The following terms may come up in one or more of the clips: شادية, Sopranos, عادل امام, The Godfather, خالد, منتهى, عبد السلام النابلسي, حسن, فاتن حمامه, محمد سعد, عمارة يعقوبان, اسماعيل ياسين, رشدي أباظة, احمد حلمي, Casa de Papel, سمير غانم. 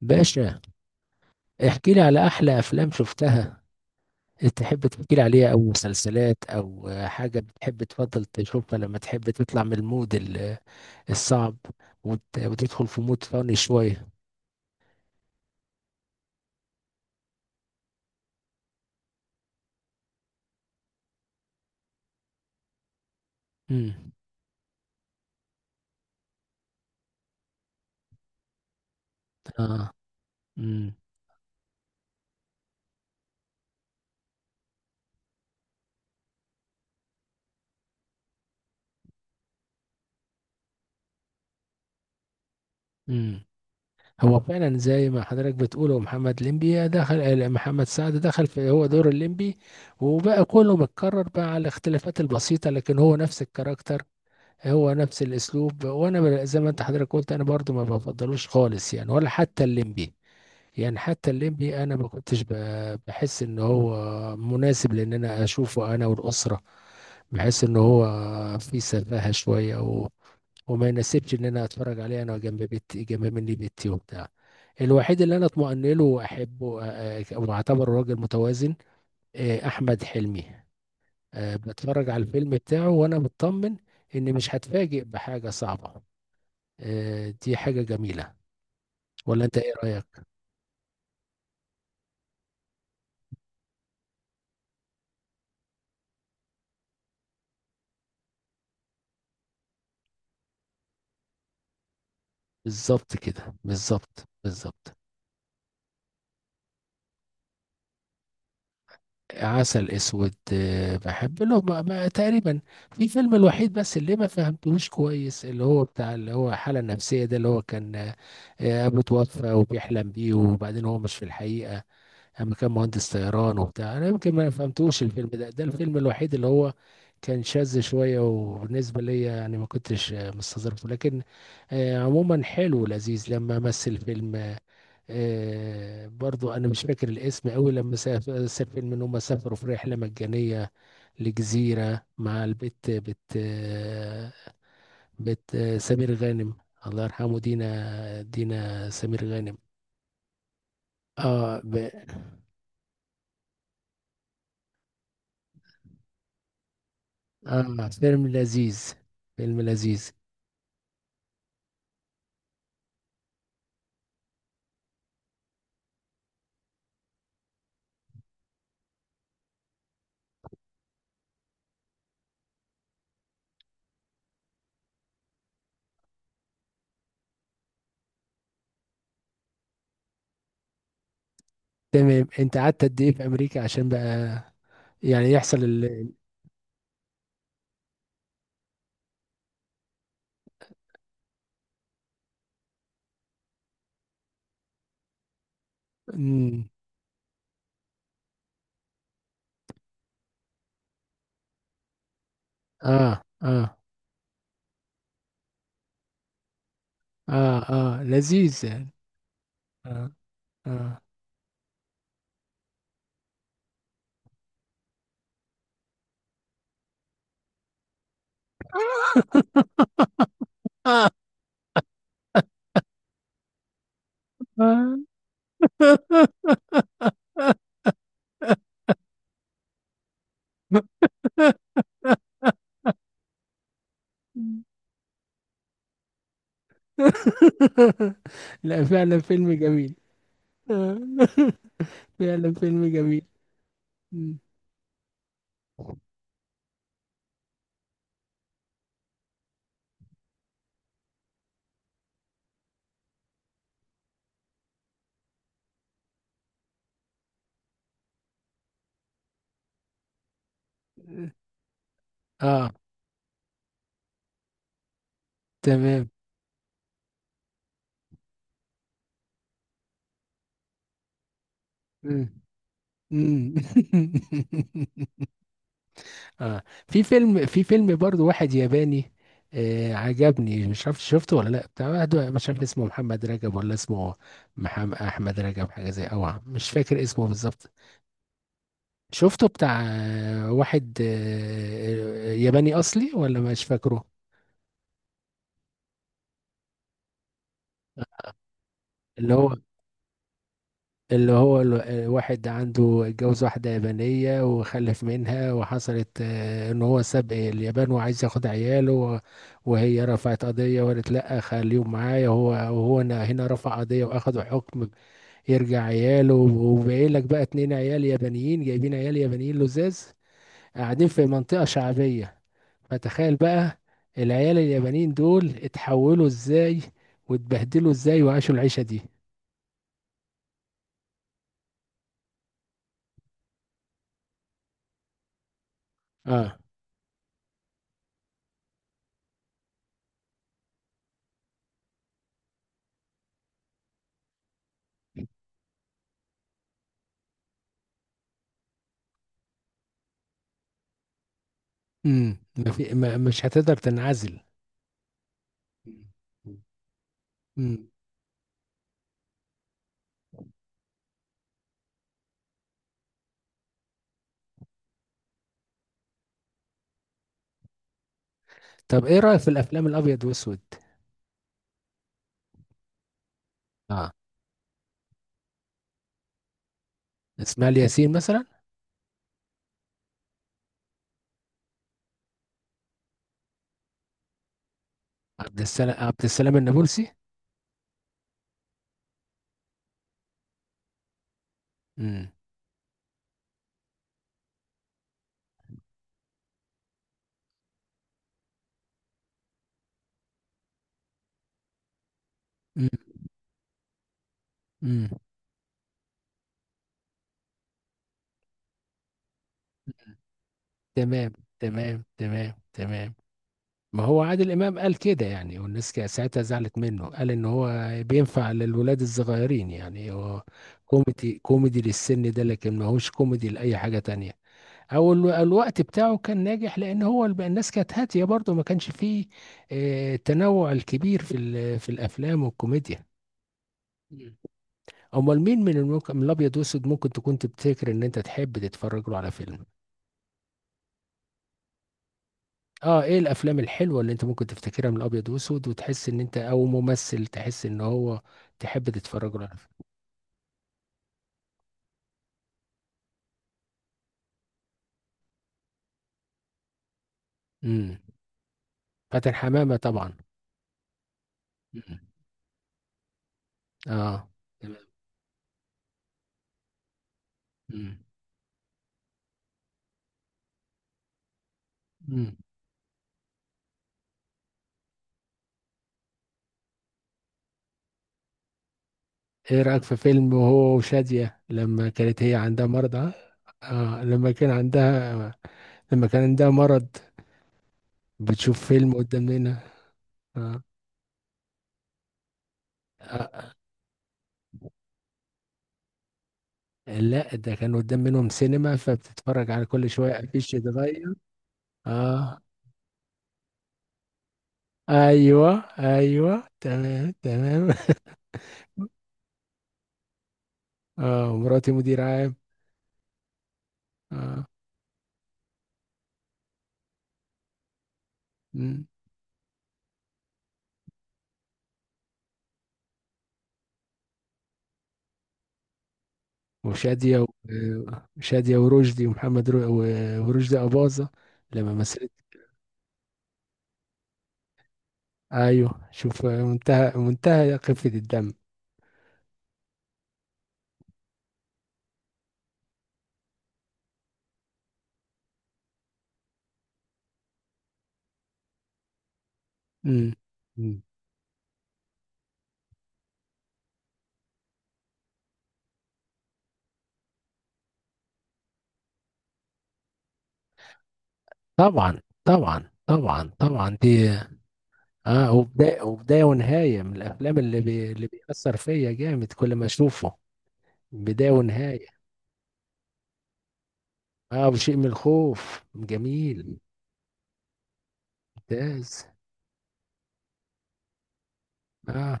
باشا، احكي لي على احلى افلام شفتها. تحب تحكي لي عليها او مسلسلات او حاجه بتحب تفضل تشوفها لما تحب تطلع من المود الصعب وتدخل في مود فاني شويه؟ امم. اه. امم. امم. هو فعلا زي ما حضرتك بتقول، هو محمد ليمبي دخل، محمد سعد دخل في هو دور الليمبي، وبقى كله متكرر بقى على الاختلافات البسيطه، لكن هو نفس الكاركتر، هو نفس الاسلوب. وانا زي ما انت حضرتك قلت، انا برضو ما بفضلوش خالص يعني، ولا حتى الليمبي. يعني حتى الليمبي انا ما كنتش بحس ان هو مناسب لان انا اشوفه انا والاسره. بحس ان هو في سفاهه شويه وما يناسبش ان انا اتفرج عليه انا جنب بيتي، جنب مني بيتي وبتاع. الوحيد اللي انا اطمئن له واحبه واعتبره راجل متوازن احمد حلمي. بتفرج على الفيلم بتاعه وانا مطمن ان مش هتفاجئ بحاجة صعبة. دي حاجة جميلة. ولا انت ايه رأيك؟ بالظبط كده، بالظبط بالظبط. عسل اسود، بحب له تقريبا في فيلم. الوحيد بس اللي ما فهمتهوش كويس اللي هو بتاع اللي هو الحالة النفسية ده، اللي هو كان ابوه توفى وبيحلم بيه، وبعدين هو مش في الحقيقة اما كان مهندس طيران وبتاع. انا يمكن ما فهمتوش الفيلم ده، ده الفيلم الوحيد اللي هو كان شاذ شويه، وبالنسبه ليا يعني ما كنتش مستظرفه. لكن عموما حلو ولذيذ، لما مثل فيلم برضو انا مش فاكر الاسم قوي، لما مثل فيلم ان هم سافروا في رحله مجانيه لجزيره مع البت بت آه، بت آه، سمير غانم، الله يرحمه، دينا سمير غانم. اه. اه، فيلم لذيذ. فيلم لذيذ. تمام، انت قعدت قد ايه في امريكا عشان بقى يعني يحصل ال... مم. اه اه اه اه، لذيذ يعني. اه اه. لا، فعلا فيلم جميل. آه. فعلا فيلم جميل. مم. اه تمام. مم. مم. اه. في فيلم برضو واحد ياباني آه، عجبني، مش عارف شفته ولا لا، بتاع واحد مش عارف اسمه محمد رجب، ولا اسمه محمد احمد رجب حاجه زي، او مش فاكر اسمه بالظبط. شفته بتاع واحد ياباني اصلي، ولا مش فاكره. اللي هو اللي هو الواحد عنده، اتجوز واحدة يابانية وخلف منها، وحصلت ان هو ساب اليابان وعايز ياخد عياله، و- وهي رفعت قضية وقالت لا خليهم معايا. هو وهو هنا، رفع قضية واخدوا حكم يرجع عياله. وباين لك بقى اتنين عيال يابانيين، جايبين عيال يابانيين لزاز، قاعدين في منطقة شعبية. فتخيل بقى العيال اليابانيين دول اتحولوا ازاي، واتبهدلوا ازاي، وعاشوا العيشة دي. اه. امم، ما مش هتقدر تنعزل. مم. امم. طب ايه رأيك في الافلام الابيض واسود؟ اه، اسماعيل ياسين مثلا. عبد السلام، عبد السلام النابلسي. امم. امم. امم. تمام، تمام تمام تمام. ما هو عادل امام قال كده يعني، والناس ساعتها زعلت منه، قال ان هو بينفع للولاد الصغيرين يعني. هو كوميدي، كوميدي للسن ده، لكن ما هوش كوميدي لاي حاجة تانية، او الوقت بتاعه كان ناجح لان هو الناس كانت هاتيه برضه، ما كانش فيه التنوع الكبير في الافلام والكوميديا. مم. امال مين من الممكن من الابيض واسود ممكن تكون تفتكر ان انت تحب تتفرج له على فيلم؟ اه، ايه الافلام الحلوه اللي انت ممكن تفتكرها من الابيض واسود، وتحس ان انت، او ممثل تحس ان هو تحب تتفرج له على فيلم. امم. فاتن حمامه طبعا. مم. اه. تمام. مم. مم. ايه رأيك في فيلم وهو وشادية لما كانت هي عندها مرض؟ اه، لما كان عندها، لما كان عندها مرض بتشوف فيلم قدام منها. آه. آه. لا، ده كان قدام منهم سينما، فبتتفرج على كل شوية افيش يتغير. اه ايوه ايوه تمام تمام. اه، مراتي مدير عام. اه. مم. وشادية وشادية ورشدي ومحمد ورشدي أباظة لما مثلت. ايوه، شوف منتهى، منتهى خفة الدم. امم. أمم. طبعا طبعا طبعا طبعا دي. اه، وبدايه ونهايه، من الافلام اللي بيأثر فيا جامد كل ما اشوفه، بدايه ونهايه. اه، وشيء من الخوف جميل. ممتاز. اه،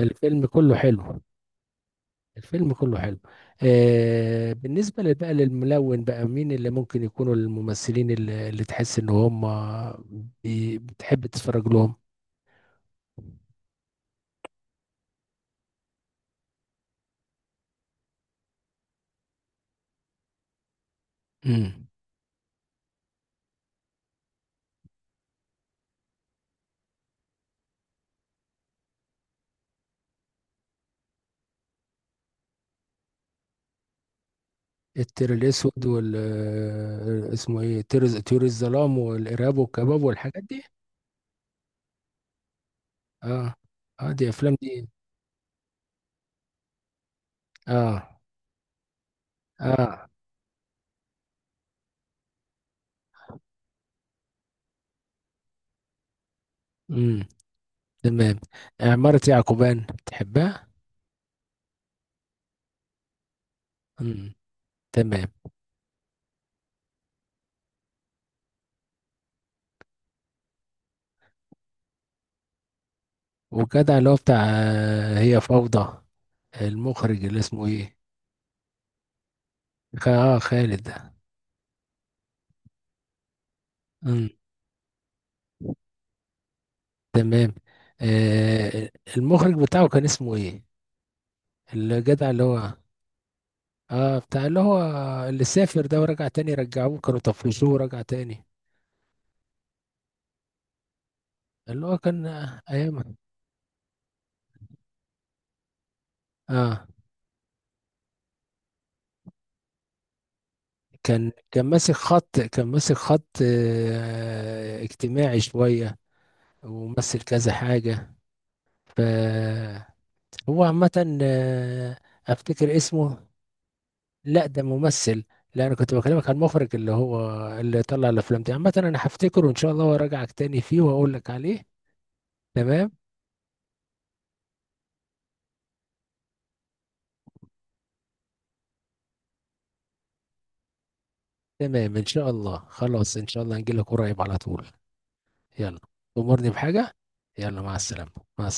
الفيلم كله حلو. الفيلم كله حلو. آه، بالنسبه بقى للملون، بقى مين اللي ممكن يكونوا الممثلين اللي تحس ان هم بتحب تتفرج لهم؟ امم. التير الاسود، وال اسمه ايه، تير طيور الظلام، والارهاب والكباب والحاجات دي. اه اه، دي افلام دي. اه اه. امم تمام. عمارة يعقوبان تحبها؟ امم تمام. وجدع اللي هو بتاع هي فوضى، المخرج اللي اسمه ايه؟ خ... اه خالد ده. امم تمام. آه. المخرج بتاعه كان اسمه ايه؟ الجدع اللي هو. اه، بتاع اللي هو اللي سافر ده، ورجع تاني، رجعوه كانوا طفشوه ورجع تاني. اللي هو كان ايام. اه، كان ماسك خط، كان ماسك خط اجتماعي شوية، ومثل كذا حاجة. فهو عامة افتكر اسمه. لا ده ممثل. لا، انا كنت بكلمك عن المخرج اللي هو اللي طلع الافلام دي. عامة انا هفتكره ان شاء الله، وراجعك تاني فيه واقول لك عليه. تمام. تمام ان شاء الله، خلاص ان شاء الله هنجيلك قريب على طول. يلا. أمرني بحاجة. يلا، مع السلامة. مع السلامة.